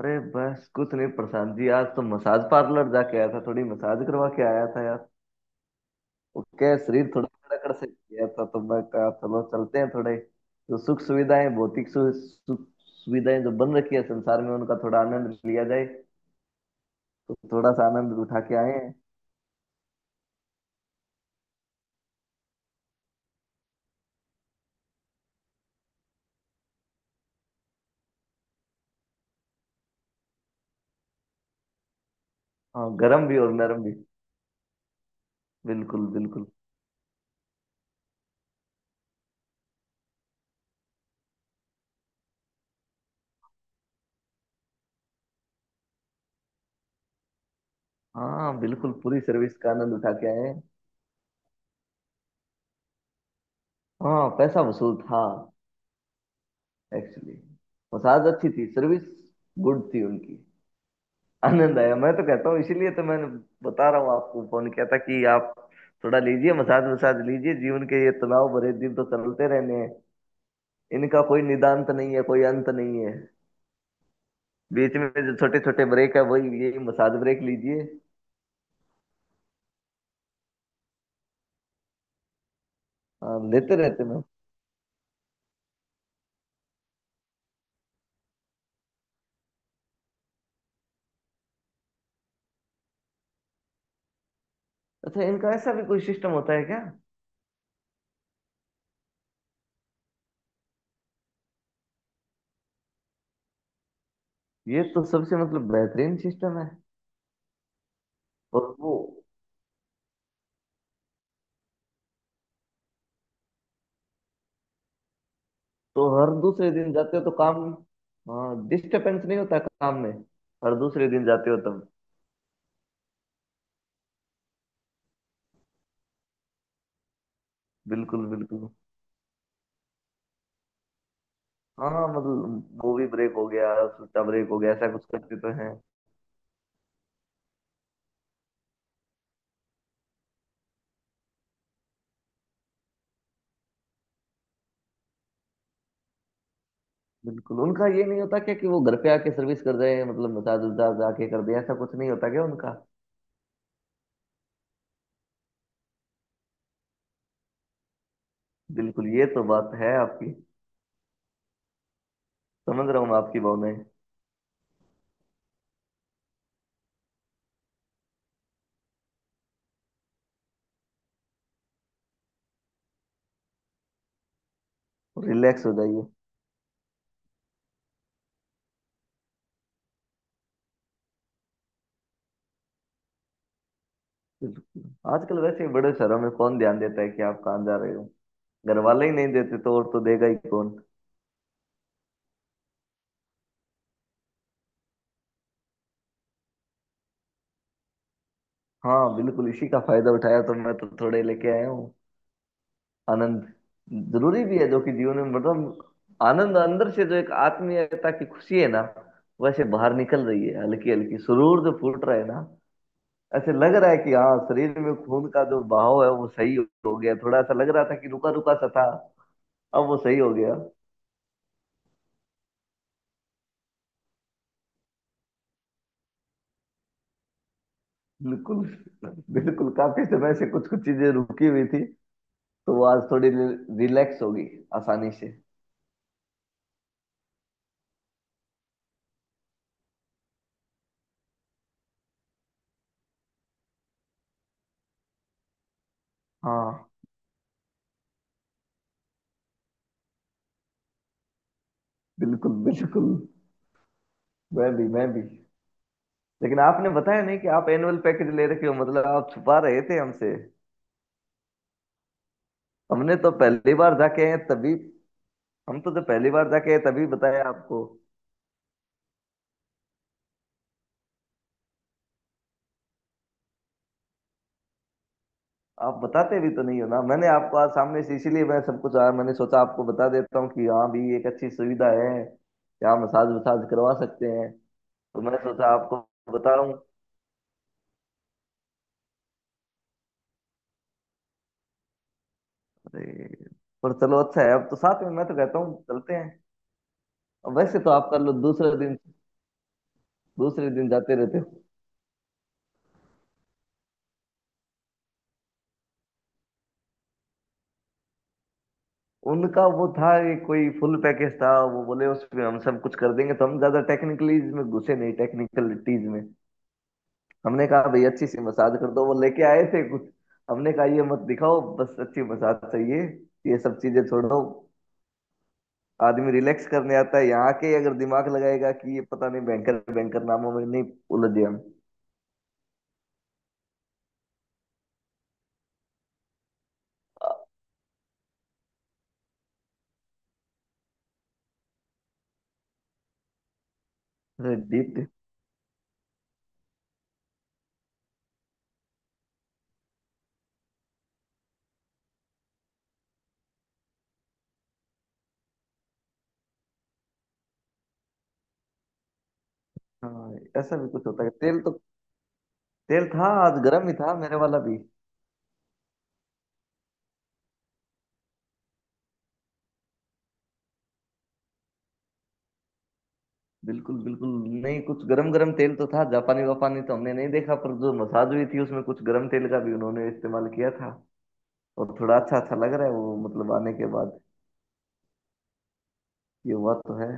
अरे बस कुछ नहीं प्रशांत जी, आज तो मसाज पार्लर जाके आया था। थोड़ी मसाज करवा के आया था यार। वो क्या है, शरीर थोड़ा कड़कड़ से गया था तो मैं कहा चलो चलते हैं थोड़े। जो सुख सुविधाएं, भौतिक सुख सुविधाएं जो बन रखी है संसार में, उनका थोड़ा आनंद लिया जाए। तो थोड़ा सा आनंद उठा के आए हैं। हाँ, गर्म भी और नरम भी। बिल्कुल बिल्कुल। हाँ बिल्कुल, पूरी सर्विस का आनंद उठा के आए हैं। हाँ, पैसा वसूल था एक्चुअली। मसाज अच्छी थी, सर्विस गुड थी उनकी। आनंद आया। मैं तो कहता हूँ, इसीलिए तो मैंने बता रहा हूँ आपको, फोन किया था कि आप थोड़ा लीजिए, मसाज वसाज लीजिए। जीवन के ये तनाव भरे दिन तो चलते रहने हैं, इनका कोई निदान्त नहीं है, कोई अंत नहीं है। बीच में जो छोटे छोटे ब्रेक है, वही यही मसाज ब्रेक लीजिए। हाँ, लेते रहते मैं। अच्छा, इनका ऐसा भी कोई सिस्टम होता है क्या? ये तो सबसे मतलब बेहतरीन सिस्टम है। और वो, तो हर दूसरे दिन जाते हो तो काम, हाँ डिस्टर्बेंस नहीं होता काम में। हर दूसरे दिन जाते हो तब? बिल्कुल बिल्कुल। हाँ हाँ, मतलब वो भी ब्रेक हो गया, सुच्चा ब्रेक हो गया, ऐसा कुछ करते तो हैं। बिल्कुल, उनका ये नहीं होता क्या कि वो घर पे आके सर्विस कर रहे हैं, मतलब मसाज उसाज आके कर दे, ऐसा कुछ नहीं होता क्या उनका? बिल्कुल, ये तो बात है आपकी। समझ रहा हूँ मैं आपकी भावनाएं। रिलैक्स हो जाइए। बिल्कुल, आजकल वैसे ही बड़े शहरों में कौन ध्यान देता है कि आप कहाँ जा रहे हो। घर वाले ही नहीं देते तो और तो देगा ही कौन। हाँ बिल्कुल, इसी का फायदा उठाया तो मैं तो थोड़े लेके आया हूँ आनंद। जरूरी भी है जो कि जीवन में, मतलब आनंद अंदर से, जो एक आत्मीयता की खुशी है ना, वैसे बाहर निकल रही है। हल्की हल्की सुरूर जो फूट रहा है ना, ऐसे लग रहा है कि हाँ, शरीर में खून का जो बहाव है वो सही हो गया। थोड़ा सा लग रहा था कि रुका रुका सा था, अब वो सही हो गया। बिल्कुल बिल्कुल, काफी समय से कुछ कुछ चीजें रुकी हुई थी, तो वो आज थोड़ी रिलैक्स होगी आसानी से। हाँ बिल्कुल बिल्कुल। मैं भी। लेकिन आपने बताया नहीं कि आप एनुअल पैकेज ले रखे हो, मतलब आप छुपा रहे थे हमसे। हमने तो पहली बार जाके आए हैं तभी, हम तो जब पहली बार जाके आए तभी बताया आपको। आप बताते भी तो नहीं हो ना, मैंने आपको आज सामने से, इसीलिए मैं सब कुछ आया, मैंने सोचा आपको बता देता हूँ कि हाँ भी एक अच्छी सुविधा है, यहाँ मसाज वसाज करवा सकते हैं। तो मैं सोचा आपको बताऊं। अरे, पर चलो अच्छा है, अब तो साथ में मैं तो कहता हूँ चलते हैं। अब वैसे तो आप कर लो दूसरे दिन, दूसरे दिन जाते रहते हो। उनका वो था कि कोई फुल पैकेज था, वो बोले उसमें हम सब कुछ कर देंगे, तो हम ज्यादा टेक्निकलीज में घुसे नहीं, टेक्निकलिटीज में। हमने कहा भाई अच्छी सी मसाज कर दो। वो लेके आए थे कुछ, हमने कहा ये मत दिखाओ, बस अच्छी मसाज चाहिए, ये सब चीजें छोड़ो। आदमी रिलैक्स करने आता है यहाँ के अगर दिमाग लगाएगा कि ये पता नहीं, बैंकर बैंकर नामों में नहीं उलझे हम। अरे डीप, हाँ। ऐसा भी कुछ होता है तेल तो। तेल था, आज गर्म ही था मेरे वाला भी। बिल्कुल बिल्कुल। नहीं, कुछ गरम गरम तेल तो था, जापानी वापानी तो हमने नहीं देखा, पर जो मसाज हुई थी उसमें कुछ गरम तेल का भी उन्होंने इस्तेमाल किया था। और थोड़ा अच्छा अच्छा लग रहा है वो, मतलब आने के बाद। ये हुआ तो है।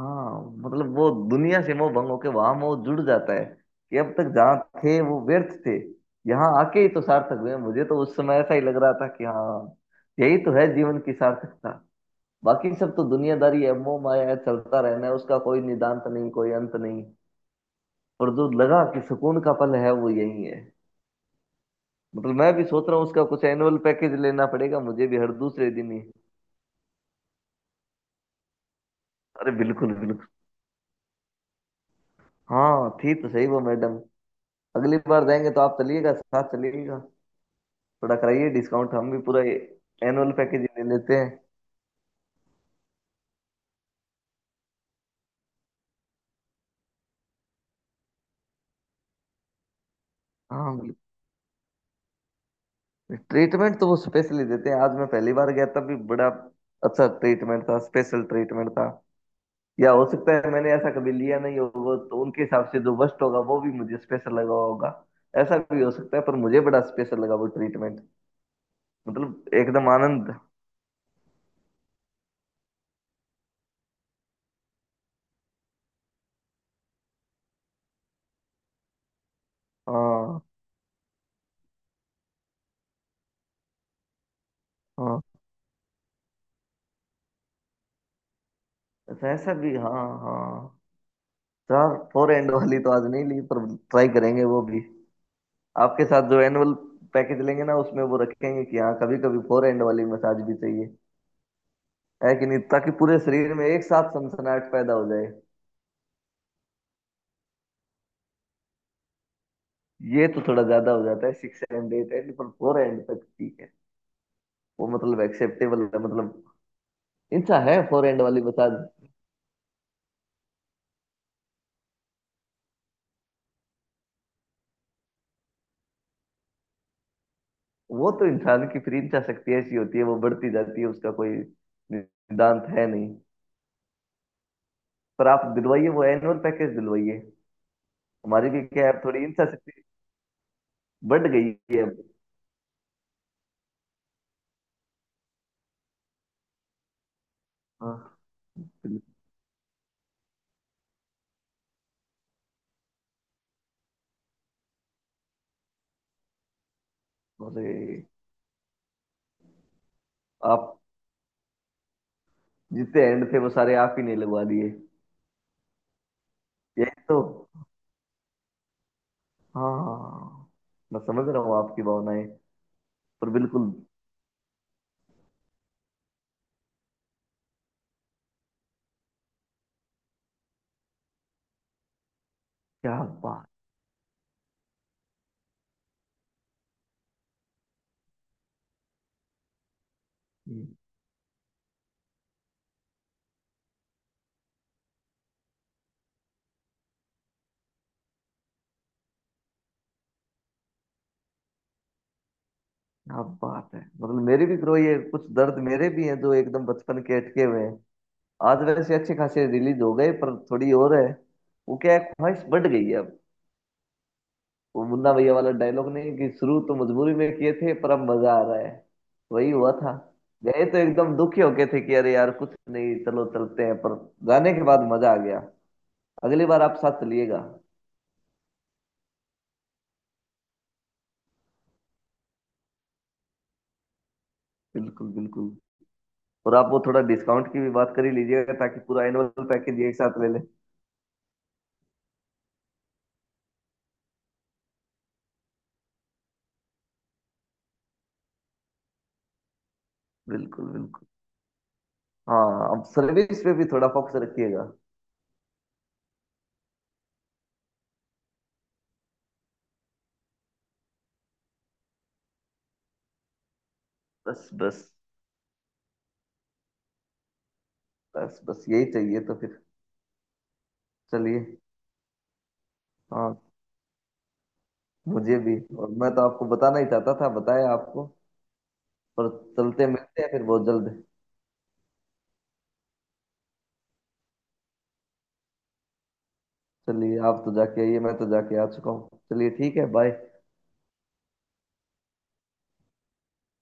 हाँ, मतलब वो दुनिया से मोह भंग होके वहां मोह जुड़ जाता है। कि अब तक जहाँ थे वो व्यर्थ थे, यहाँ आके ही तो सार्थक हुए। मुझे तो उस समय ऐसा ही लग रहा था कि हाँ, यही तो है जीवन की सार्थकता। बाकी सब तो दुनियादारी है, मोह माया है, चलता रहना है, उसका कोई निदान्त नहीं, कोई अंत नहीं। और जो लगा कि सुकून का पल है, वो यही है। मतलब मैं भी सोच रहा हूँ उसका कुछ एनुअल पैकेज लेना पड़ेगा मुझे भी, हर दूसरे दिन ही। अरे बिल्कुल बिल्कुल। हाँ, थी तो सही वो मैडम। अगली बार जाएंगे तो आप चलिएगा, साथ चलिएगा। थोड़ा कराइए डिस्काउंट, हम भी पूरा एनुअल पैकेज ले लेते हैं। हाँ बिल्कुल। ट्रीटमेंट तो वो स्पेशली देते हैं, आज मैं पहली बार गया तब भी बड़ा अच्छा ट्रीटमेंट था, स्पेशल ट्रीटमेंट था। या हो सकता है मैंने ऐसा कभी लिया नहीं होगा तो उनके हिसाब से जो वर्स्ट होगा वो भी मुझे स्पेशल लगा होगा, ऐसा भी हो सकता है। पर मुझे बड़ा स्पेशल लगा वो ट्रीटमेंट, मतलब एकदम आनंद। हाँ हाँ। ऐसा ऐसा भी, हाँ हाँ। चार, फोर एंड वाली तो आज नहीं ली, पर ट्राई करेंगे वो भी। आपके साथ जो एनुअल पैकेज लेंगे ना, उसमें वो रखेंगे कि हाँ कभी कभी फोर एंड वाली मसाज भी चाहिए। है कि नहीं, ताकि पूरे शरीर में एक साथ सनसनाहट पैदा हो जाए। ये तो थोड़ा ज्यादा हो जाता है सिक्स एंड एट एंड, पर फोर एंड तक ठीक है। वो मतलब एक्सेप्टेबल है मतलब। इंचा है फोर एंड वाली, बता। वो तो इंसान की फ्री इंचा शक्ति ऐसी होती है, वो बढ़ती जाती है, उसका कोई सिद्धांत है नहीं। पर आप दिलवाइए वो एनुअल पैकेज दिलवाइए, हमारी भी क्या है थोड़ी इंचा शक्ति बढ़ गई है अब। हाँ, बिल्कुल। अरे आप जितने एंड थे वो सारे आप ही ने लगवा दिए। यही तो, हाँ। मैं समझ रहा हूँ आपकी भावनाएं, पर बिल्कुल। क्या बात क्या बात है मतलब, मेरे भी ग्रो ये कुछ दर्द मेरे भी हैं जो एकदम बचपन के अटके हुए हैं। आज वैसे अच्छे खासे रिलीज हो गए, पर थोड़ी और है। वो क्या है, ख्वाहिश बढ़ गई है अब। वो मुन्ना भैया वाला डायलॉग नहीं कि शुरू तो मजबूरी में किए थे पर अब मजा आ रहा है। वही हुआ था, गए तो एकदम दुखी होके थे कि अरे यार कुछ नहीं चलो चलते हैं, पर जाने के बाद मजा आ गया। अगली बार आप साथ चलिएगा। बिल्कुल बिल्कुल। और आप वो थोड़ा डिस्काउंट की भी बात कर ही लीजिएगा, ताकि पूरा एनुअल पैकेज एक साथ ले लें। बिल्कुल बिल्कुल। हाँ, अब सर्विस पे भी थोड़ा फोकस रखिएगा। बस बस, बस बस, यही चाहिए तो फिर। चलिए, हाँ, मुझे भी। और मैं तो आपको बताना ही चाहता था, बताया आपको। पर चलते, मिलते हैं फिर बहुत जल्द। चलिए, आप तो जाके आइए, मैं तो जाके आ चुका हूँ। चलिए, ठीक है, बाय।